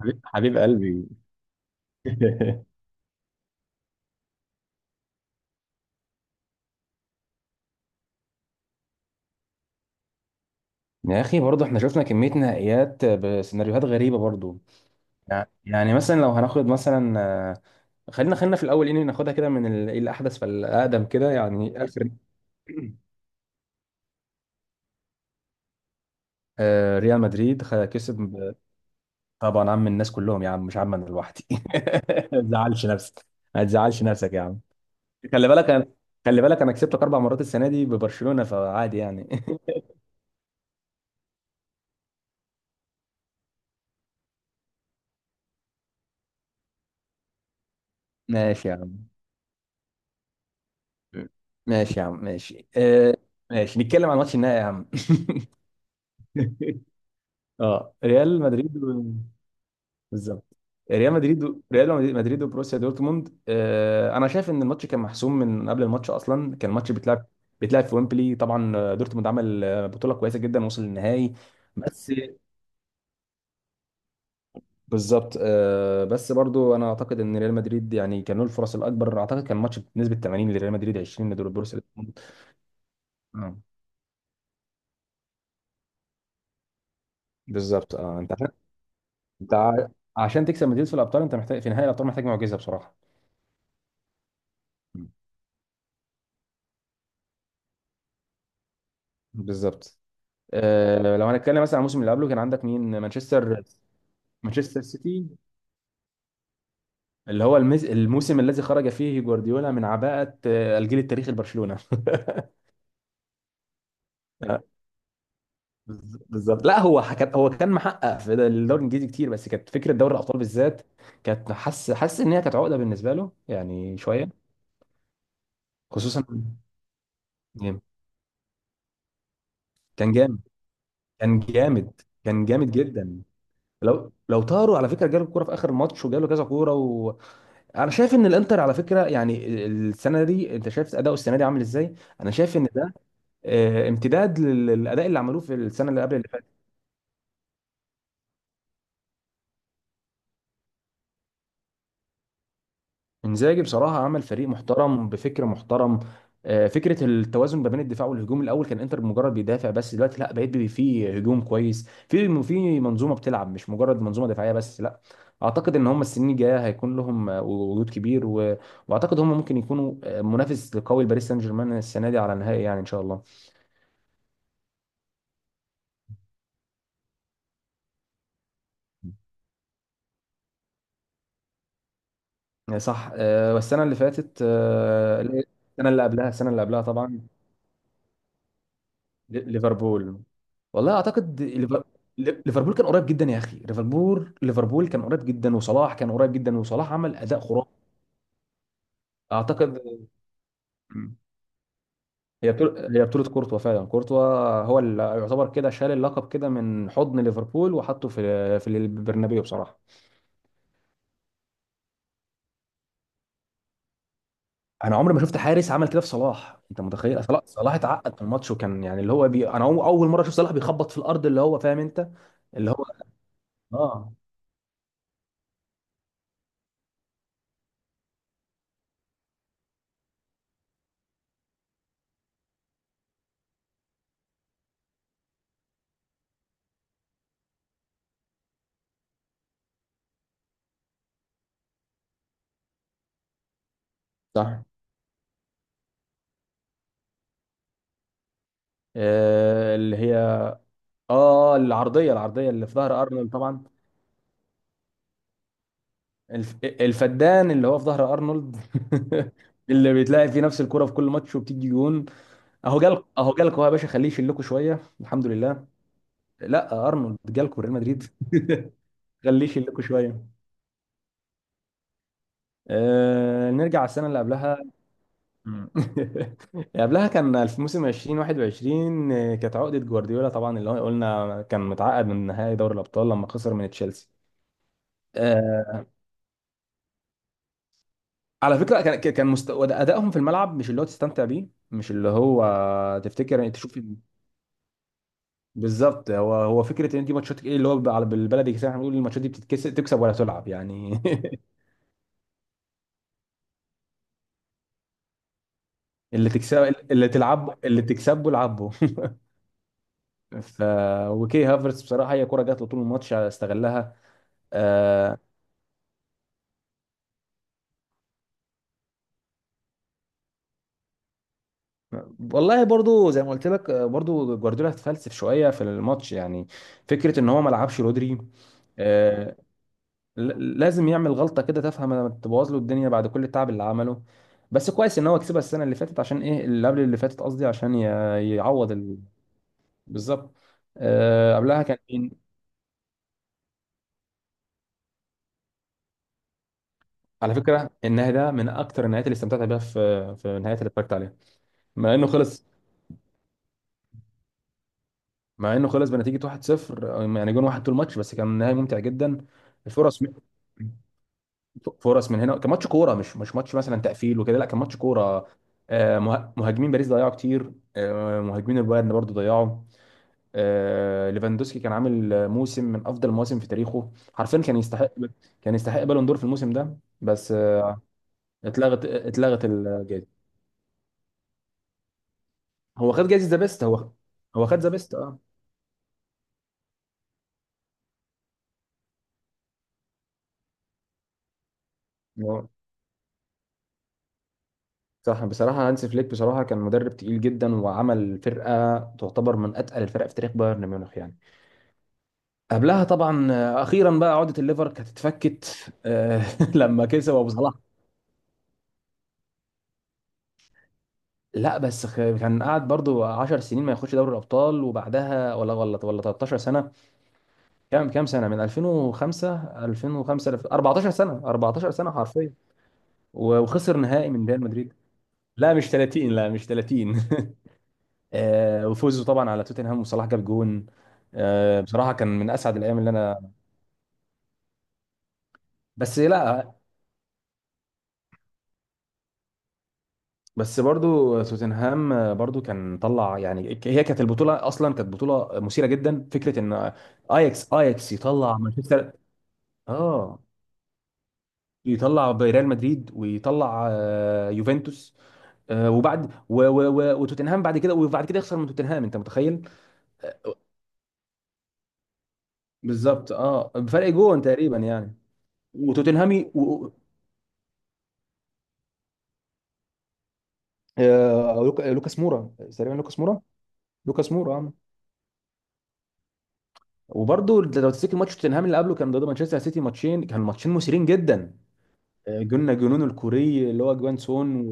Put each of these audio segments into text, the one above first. حبيب حبيب قلبي. يا اخي برضه احنا شفنا كميه نهائيات بسيناريوهات غريبه برضه. يعني مثلا لو هناخد مثلا، خلينا في الاول ان ناخدها كده من الاحدث فالاقدم كده يعني اخر. ريال مدريد كسب طبعا عم الناس كلهم يا عم، مش عم انا لوحدي. ما تزعلش نفسك. ما تزعلش نفسك يا عم. خلي بالك انا، خلي بالك انا كسبتك اربع مرات السنه دي ببرشلونه فعادي يعني. ماشي يا عم، ماشي يا عم، ماشي ماشي نتكلم عن ماتش النهائي يا عم. اه، ريال مدريد و... بالظبط. ريال مدريد و... ريال مدريد وبروسيا دورتموند. انا شايف ان الماتش كان محسوم من قبل الماتش، اصلا كان الماتش بيتلعب في ويمبلي طبعا. دورتموند عمل بطوله كويسه جدا وصل للنهائي بس. بالظبط، بس برضو انا اعتقد ان ريال مدريد يعني كان له الفرص الاكبر، اعتقد كان الماتش بنسبه 80 لريال مدريد 20 لدور بروسيا دورتموند. آه. بالظبط، اه. انت عشان انت ع- عشان تكسب مدريد في الابطال انت محتاج، في نهائي الابطال محتاج معجزه بصراحه. مم. بالظبط. لو هنتكلم مثلا عن الموسم اللي قبله كان عندك مين؟ مانشستر سيتي. اللي هو الموسم الذي خرج فيه جوارديولا من عباءة الجيل التاريخي لبرشلونة. آه، بالظبط. لا، هو كان محقق في الدوري الانجليزي كتير، بس كانت فكره دوري الابطال بالذات كانت حس ان هي كانت عقده بالنسبه له يعني شويه. خصوصا جامد. كان جامد، كان جامد، كان جامد جدا. لو طاروا على فكره، جاله الكوره في اخر الماتش وجاله كذا كوره. انا شايف ان الانتر، على فكره يعني، السنه دي، انت شايف اداؤه السنه دي عامل ازاي؟ انا شايف ان ده امتداد للاداء اللي عملوه في السنه اللي قبل اللي فاتت. انزاجي بصراحه عمل فريق محترم بفكر محترم. فكره التوازن ما بين الدفاع والهجوم، الاول كان انتر مجرد بيدافع بس، دلوقتي لا، بقيت في هجوم كويس، في في منظومه بتلعب مش مجرد منظومه دفاعيه بس، لا. اعتقد ان هم السنين الجايه هيكون لهم وجود كبير و... واعتقد هم ممكن يكونوا منافس قوي لباريس سان جيرمان السنه دي على نهائي، يعني ان شاء الله. صح، والسنة اللي فاتت، السنة اللي قبلها، السنة اللي قبلها طبعا. ليفربول. والله أعتقد ليفربول كان قريب جدا يا أخي. ليفربول كان قريب جدا، وصلاح كان قريب جدا، وصلاح عمل أداء خرافي أعتقد. مم. هي بطولة، هي بطولة كورتوا فعلا. كورتوا هو اللي يعتبر كده شال اللقب كده من حضن ليفربول وحطه في في البرنابيو بصراحة. انا عمري ما شفت حارس عمل كده في صلاح، انت متخيل؟ صلاح، اتعقد من الماتش، وكان يعني اللي هو انا، اول مره اشوف صلاح بيخبط في الارض، اللي هو فاهم انت، اللي هو، اه، صح. اللي هي، اه، العرضيه، العرضيه اللي في ظهر ارنولد طبعا. الفدان اللي هو في ظهر ارنولد. اللي بيتلاعب فيه نفس الكره في كل ماتش وبتيجي جون. اهو جالكوا، اهو جالكوا يا باشا، خليه يشيلكوا شويه، الحمد لله. لا، ارنولد جالكوا ريال مدريد. خليه يشيلكوا شويه. نرجع السنه اللي قبلها. مم. قبلها كان في موسم 2021، كانت عقدة جوارديولا طبعا، اللي هو قلنا كان متعقد من نهائي دوري الأبطال لما خسر من تشيلسي. آه، على فكرة كان كان مستوى أدائهم في الملعب مش اللي هو تستمتع بيه، مش اللي هو تفتكر يعني تشوف. بالظبط. هو فكرة ان دي ماتشات ايه اللي هو بالبلدي كده احنا بنقول، الماتشات دي بتتكسب تكسب ولا تلعب يعني. اللي تكسب، اللي تلعب اللي تكسبه العبه. ف وكي هافرتس بصراحه هي كره جات له طول الماتش استغلها. آه، والله برضو زي ما قلت لك، برضو جوارديولا اتفلسف شويه في الماتش يعني، فكره ان هو ما لعبش رودري. آه، لازم يعمل غلطه كده تفهم، لما تبوظ له الدنيا بعد كل التعب اللي عمله. بس كويس ان هو كسبها السنه اللي فاتت، عشان ايه؟ اللي قبل اللي فاتت قصدي، عشان يعوض ال... بالظبط. قبلها كان مين؟ على فكره النهائي ده من اكتر النهايات اللي استمتعت بيها في في النهايات اللي اتفرجت عليها. مع انه خلص، مع انه خلص بنتيجه 1-0، يعني جون واحد طول الماتش، بس كان نهائي ممتع جدا. الفرص، فرص من هنا، كان ماتش كوره، مش مش ماتش مثلا تقفيل وكده، لا، كان ماتش كوره. مهاجمين باريس ضيعوا كتير، مهاجمين البايرن برضو ضيعوا. ليفاندوسكي كان عامل موسم من افضل المواسم في تاريخه، حرفيا كان يستحق، كان يستحق بالون دور في الموسم ده، بس اتلغت، الجائزه. هو خد جائزه ذا بيست. هو خد ذا بيست، اه. هو- صح. بصراحه هانس فليك بصراحه كان مدرب تقيل جدا، وعمل فرقه تعتبر من اتقل الفرق في تاريخ بايرن ميونخ يعني. قبلها طبعا، اخيرا بقى عقده الليفر كانت اتفكت. لما كسب ابو صلاح. لا بس كان قعد برضو 10 سنين ما ياخدش دوري الابطال وبعدها، ولا 13 سنه. كام، سنه من 2005؟ 2005 14 سنه، 14 سنه حرفيا. وخسر نهائي من ريال مدريد. لا مش 30، لا مش 30. وفوزوا طبعا على توتنهام، وصلاح جاب جون. بصراحه كان من اسعد الايام اللي انا. بس لا، بس برضو توتنهام برضو كان طلع يعني. هي كانت البطوله اصلا كانت بطوله مثيره جدا. فكره ان اياكس، يطلع مانشستر، اه، يطلع ريال مدريد، ويطلع يوفنتوس. آه، وبعد و- و- و- وتوتنهام بعد كده، وبعد كده يخسر من توتنهام، انت متخيل؟ آه، بالظبط، اه، بفرق جون تقريبا يعني. وتوتنهامي و... و... لوكاس مورا تقريبا، لوكاس مورا، لوكاس مورا وبرضه لو تفتكر ماتش توتنهام اللي قبله كان ضد مانشستر سيتي، ماتشين، ماتشين مثيرين جدا. جولنا جنون الكوري اللي هو جوان سون و...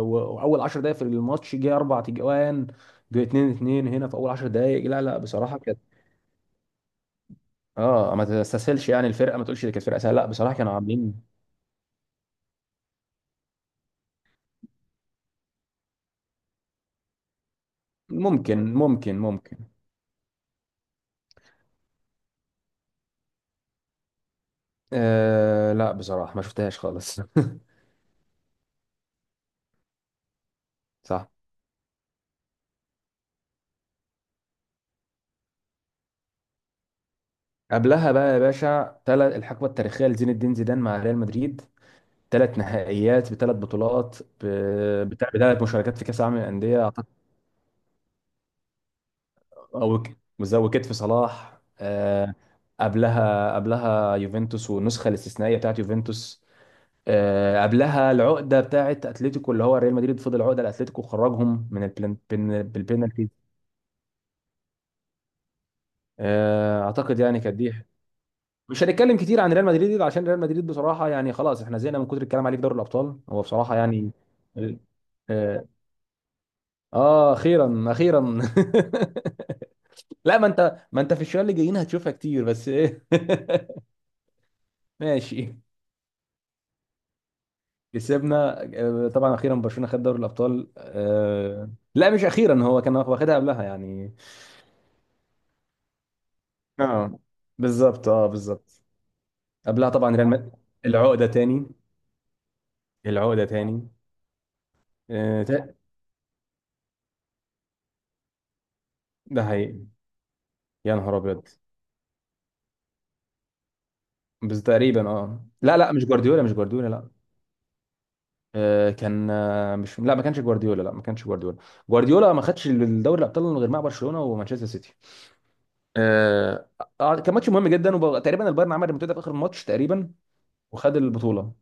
و... واول 10 دقائق في الماتش جه اربع تجوان. جه 2-2 هنا في اول 10 دقائق. لا لا بصراحه كانت، اه ما تستسهلش يعني الفرقه، ما تقولش دي كانت فرقه سهله، لا، بصراحه كانوا عاملين. ممكن، ممكن، ممكن. لا بصراحه ما شفتهاش خالص. صح. قبلها بقى يا باشا الحقبه التاريخيه لزين الدين زيدان مع ريال مدريد، ثلاث نهائيات بثلاث بطولات، ب- بتاع بثلاث مشاركات في كاس العالم للانديه أعتقد. او وزوجت في صلاح. قبلها، يوفنتوس والنسخه الاستثنائيه بتاعت يوفنتوس. قبلها العقده بتاعت اتلتيكو، اللي هو ريال مدريد فضل عقده لاتلتيكو، وخرجهم من بالبينالتي. اعتقد يعني كانت دي. مش هنتكلم كتير عن ريال مدريد عشان ريال مدريد بصراحه يعني خلاص احنا زهقنا من كتر الكلام عليه في دوري الابطال، هو بصراحه يعني. اه. اخيرا، اخيرا. لا، ما انت، ما انت في الشوية اللي جايين هتشوفها كتير، بس ايه. ماشي، كسبنا. طبعا اخيرا برشلونة خد دوري الابطال. لا، مش اخيرا، هو كان واخدها قبلها يعني. اه، بالظبط، اه، بالظبط. قبلها طبعا ريال مدريد، العقدة تاني، العقدة تاني. آه، تا- ده حقيقي. يا نهار ابيض. بس تقريبا، اه، لا، لا، مش جوارديولا، مش جوارديولا، لا. آه، كان آه، مش، لا، ما كانش جوارديولا، لا ما كانش جوارديولا. جوارديولا ما خدش الدوري الابطال غير مع برشلونة ومانشستر سيتي. آه آه، كان ماتش مهم جدا، وتقريبا البايرن عمل ريمونتادا في اخر الماتش تقريبا، وخد البطوله.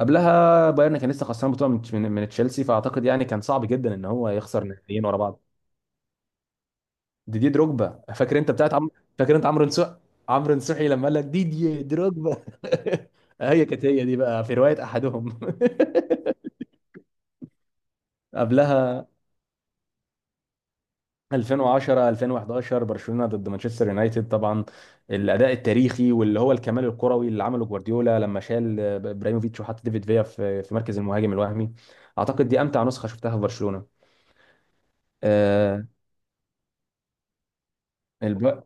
قبلها بايرن كان لسه خسران بطوله من تشيلسي، فاعتقد يعني كان صعب جدا ان هو يخسر نهائيين ورا بعض. ديدي دروجبا فاكر انت؟ بتاعت فاكر انت عمرو نصوحي؟ عمرو نصوحي لما قال لك ديدي دروجبا. هي كانت هي دي بقى في روايه احدهم. قبلها 2010 2011، برشلونه ضد مانشستر يونايتد طبعا. الاداء التاريخي، واللي هو الكمال الكروي اللي عمله جوارديولا لما شال ابراهيموفيتش وحط ديفيد فيا في في مركز المهاجم الوهمي. اعتقد دي امتع نسخه شفتها في برشلونه. آه، الب...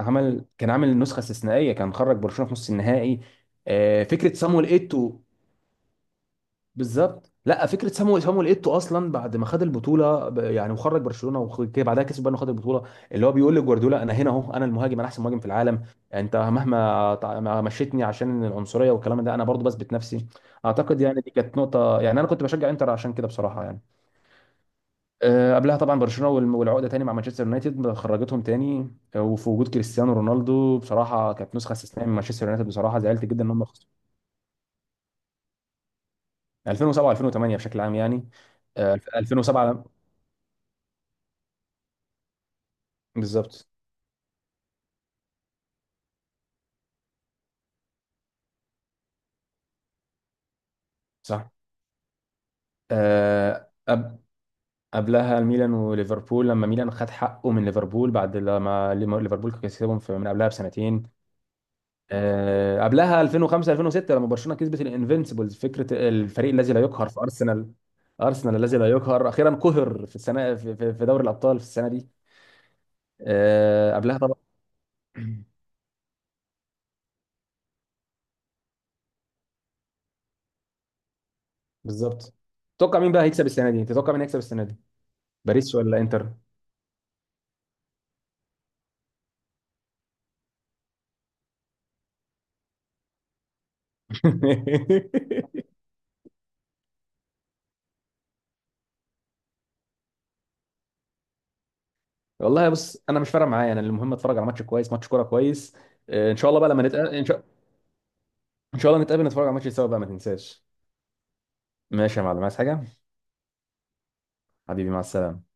عمل، كان عامل نسخه استثنائيه، كان خرج برشلونه في نص النهائي. فكره صامويل ايتو. بالظبط. لا، فكره سامو، ايتو اصلا بعد ما خد البطوله يعني وخرج برشلونه وكده بعدها كسب، بقى انه خد البطوله، اللي هو بيقول لجوارديولا انا هنا اهو، انا المهاجم، انا احسن مهاجم في العالم. انت مهما ما مشيتني عشان العنصريه والكلام ده، انا برضو بثبت نفسي. اعتقد يعني دي كانت نقطه يعني، انا كنت بشجع انتر عشان كده بصراحه يعني. قبلها طبعا برشلونه والعقده تاني مع مانشستر يونايتد، خرجتهم تاني. وفي وجود كريستيانو رونالدو بصراحه كانت نسخه استثنائيه من مانشستر يونايتد، بصراحه زعلت جدا ان هم خسروا. 2007 2008 بشكل عام يعني. 2007 بالظبط. صح. آه، قب- قبلها الميلان وليفربول، لما ميلان خد حقه من ليفربول بعد لما ليفربول كسبهم في من قبلها بسنتين. قبلها 2005 2006 لما برشلونة كسبت الانفينسيبلز، فكرة الفريق الذي لا يقهر في ارسنال. ارسنال الذي لا يقهر اخيرا قهر في السنة، في دوري الابطال في السنة دي. قبلها طبعا. بالظبط. تتوقع مين بقى هيكسب السنة دي؟ تتوقع مين هيكسب السنة دي؟ باريس ولا انتر؟ والله بص، انا مش فارق معايا، انا المهم اتفرج على ماتش كويس، ماتش كوره كويس. ان شاء الله بقى لما نتقابل، ان شاء إن شاء الله نتقابل نتفرج على ماتش سوا بقى، ما تنساش. ماشي يا معلم، عايز حاجه؟ حبيبي مع السلامه.